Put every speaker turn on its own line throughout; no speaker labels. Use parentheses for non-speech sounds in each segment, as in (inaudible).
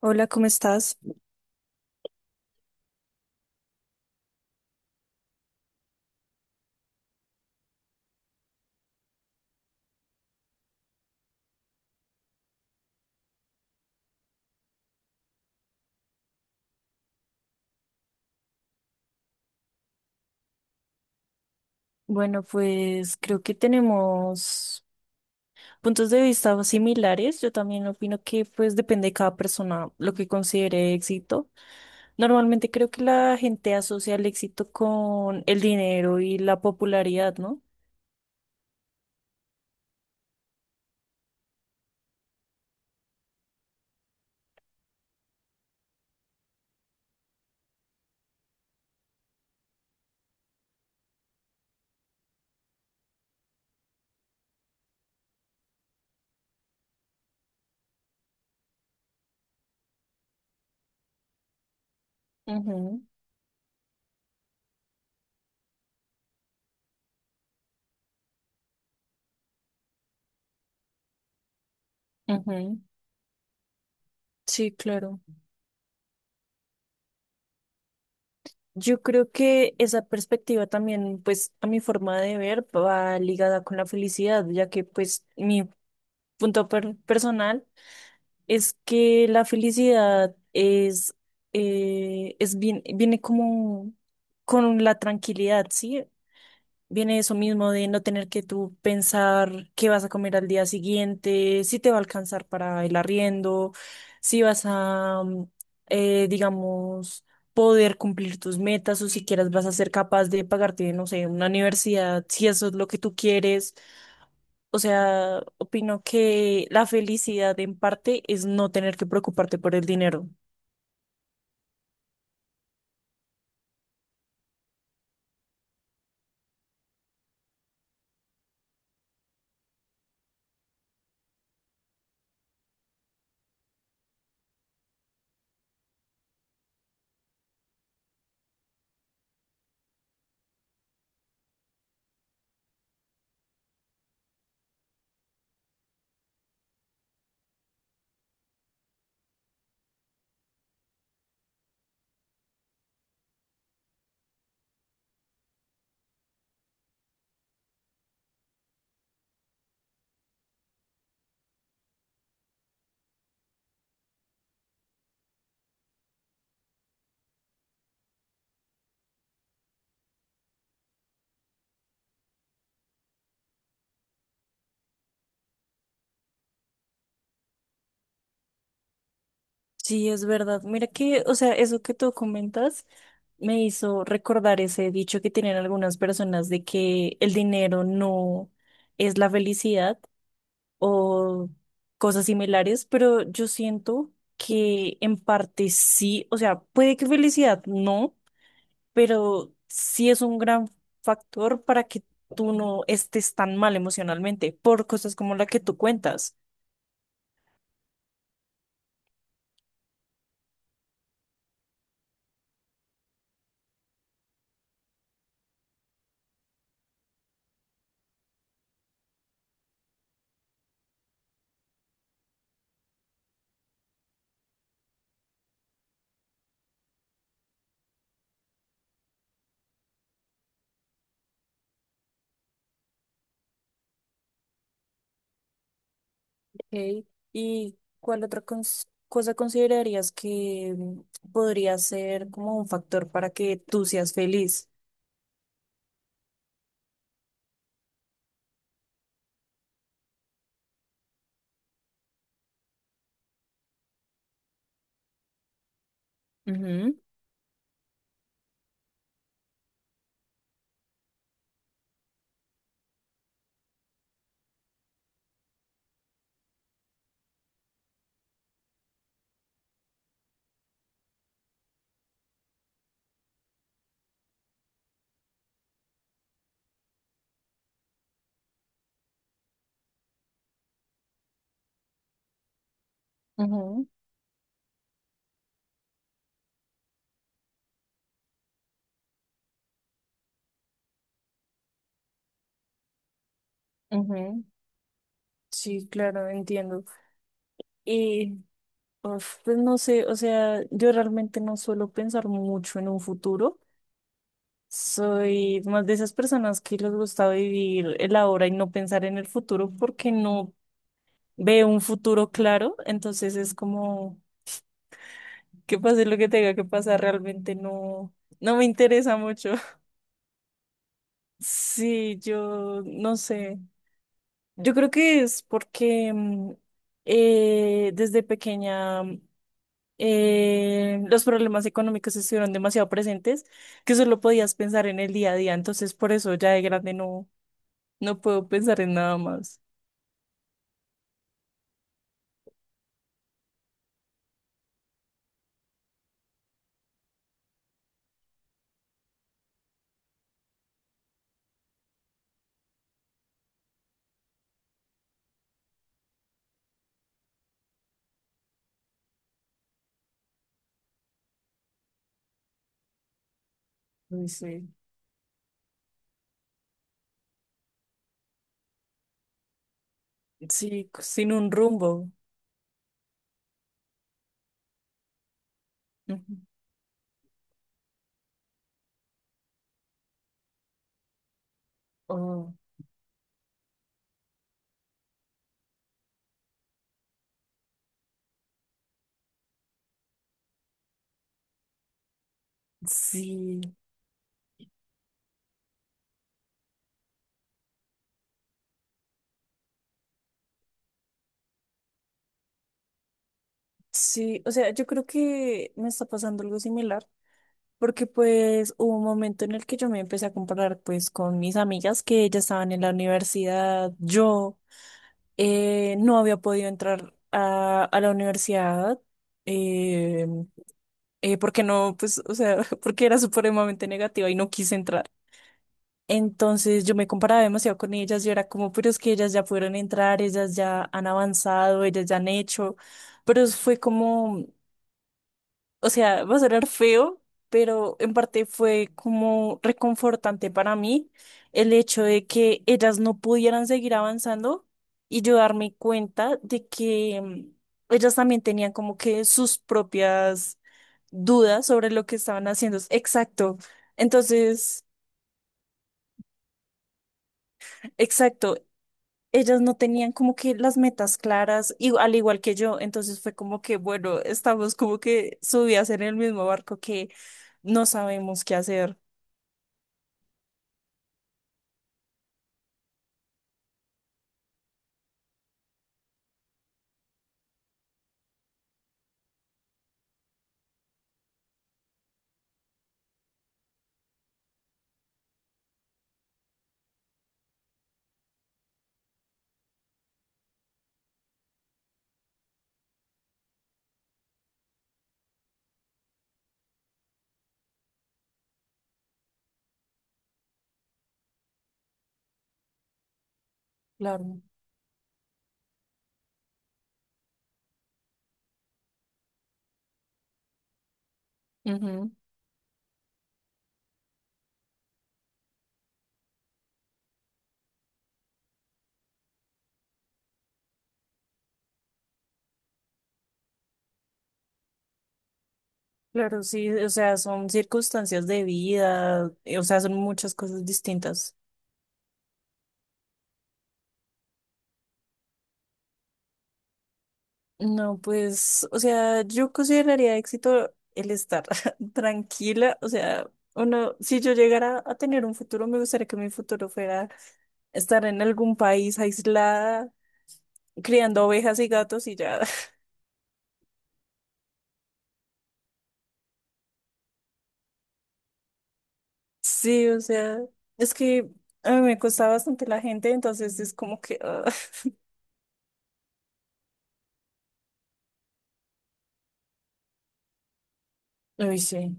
Hola, ¿cómo estás? Bueno, pues creo que tenemos puntos de vista similares. Yo también opino que pues depende de cada persona lo que considere éxito. Normalmente creo que la gente asocia el éxito con el dinero y la popularidad, ¿no? Ujú, ujú. Sí, claro. Yo creo que esa perspectiva también, pues, a mi forma de ver, va ligada con la felicidad, ya que, pues, mi personal. Es que la felicidad es bien, viene como con la tranquilidad, ¿sí? Viene eso mismo de no tener que tú pensar qué vas a comer al día siguiente, si te va a alcanzar para el arriendo, si vas a, mm, digamos, poder cumplir tus metas o si quieras vas a ser capaz de pagarte, no sé, una universidad, si eso es lo que tú quieres. O sea, opino que la felicidad en parte es no tener que preocuparte por el dinero. Sí, es verdad. Mira que, o sea, eso que tú comentas me hizo recordar ese dicho que tienen algunas personas de que el dinero no es la felicidad o cosas similares, pero yo siento que en parte sí, o sea, puede que felicidad no, pero sí es un gran factor para que tú no estés tan mal emocionalmente por cosas como la que tú cuentas. Ok. ¿Y cuál otra cosa considerarías que podría ser como un factor para que tú seas feliz? Ujú. Ujú, ujú. Sí, claro, entiendo. Y uf, pues no sé, o sea, yo realmente no suelo pensar mucho en un futuro. Soy más de esas personas que les gusta vivir el ahora y no pensar en el futuro porque no veo un futuro claro. Entonces es como que pase lo que tenga que pasar, realmente no me interesa mucho. (laughs) Sí, yo no sé. Yo creo que es porque desde pequeña, los problemas económicos estuvieron demasiado presentes que solo podías pensar en el día a día. Entonces, por eso ya de grande no puedo pensar en nada más. Uy, sí, sí, sin un rumbo. Ujú. Oh, sí, sí, o sea, yo creo que me está pasando algo similar, porque pues hubo un momento en el que yo me empecé a comparar pues con mis amigas que ya estaban en la universidad. Yo, no había podido entrar a la universidad, eh, porque no, pues, o sea, (laughs) porque era supremamente negativa y no quise entrar. Entonces yo me comparaba demasiado con ellas. Yo era como, pero es que ellas ya pudieron entrar, ellas ya han avanzado, ellas ya han hecho, fue como, o sea, va a sonar feo, pero en parte fue como reconfortante para mí el hecho de que ellas no pudieran seguir avanzando y yo darme cuenta de que ellas también tenían como que sus propias dudas sobre lo que estaban haciendo. Exacto. Entonces... Exacto, ellas no tenían como que las metas claras, y, al igual que yo, entonces fue como que, bueno, estamos como que subidas en el mismo barco que no sabemos qué hacer. Claro. Ujú. Claro, sí, o sea, son circunstancias de vida, o sea, son muchas cosas distintas. No, pues, o sea, yo consideraría éxito el estar (laughs) tranquila. O sea, uno, si yo llegara a tener un futuro, me gustaría que mi futuro fuera estar en algún país aislada, criando ovejas y gatos y ya. (laughs) Sí, o sea, es que a mí me cuesta bastante la gente, entonces es como que, ah, uy, sí,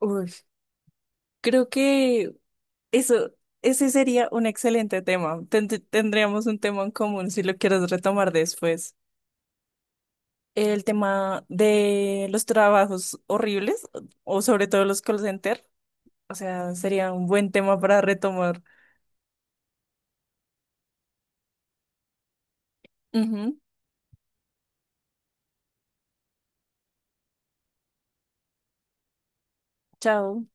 uy, creo que eso, ese sería un excelente tema. Tendríamos un tema en común si lo quieres retomar después. El tema de los trabajos horribles o sobre todo los call center. O sea, sería un buen tema para retomar. Ujú. Chao.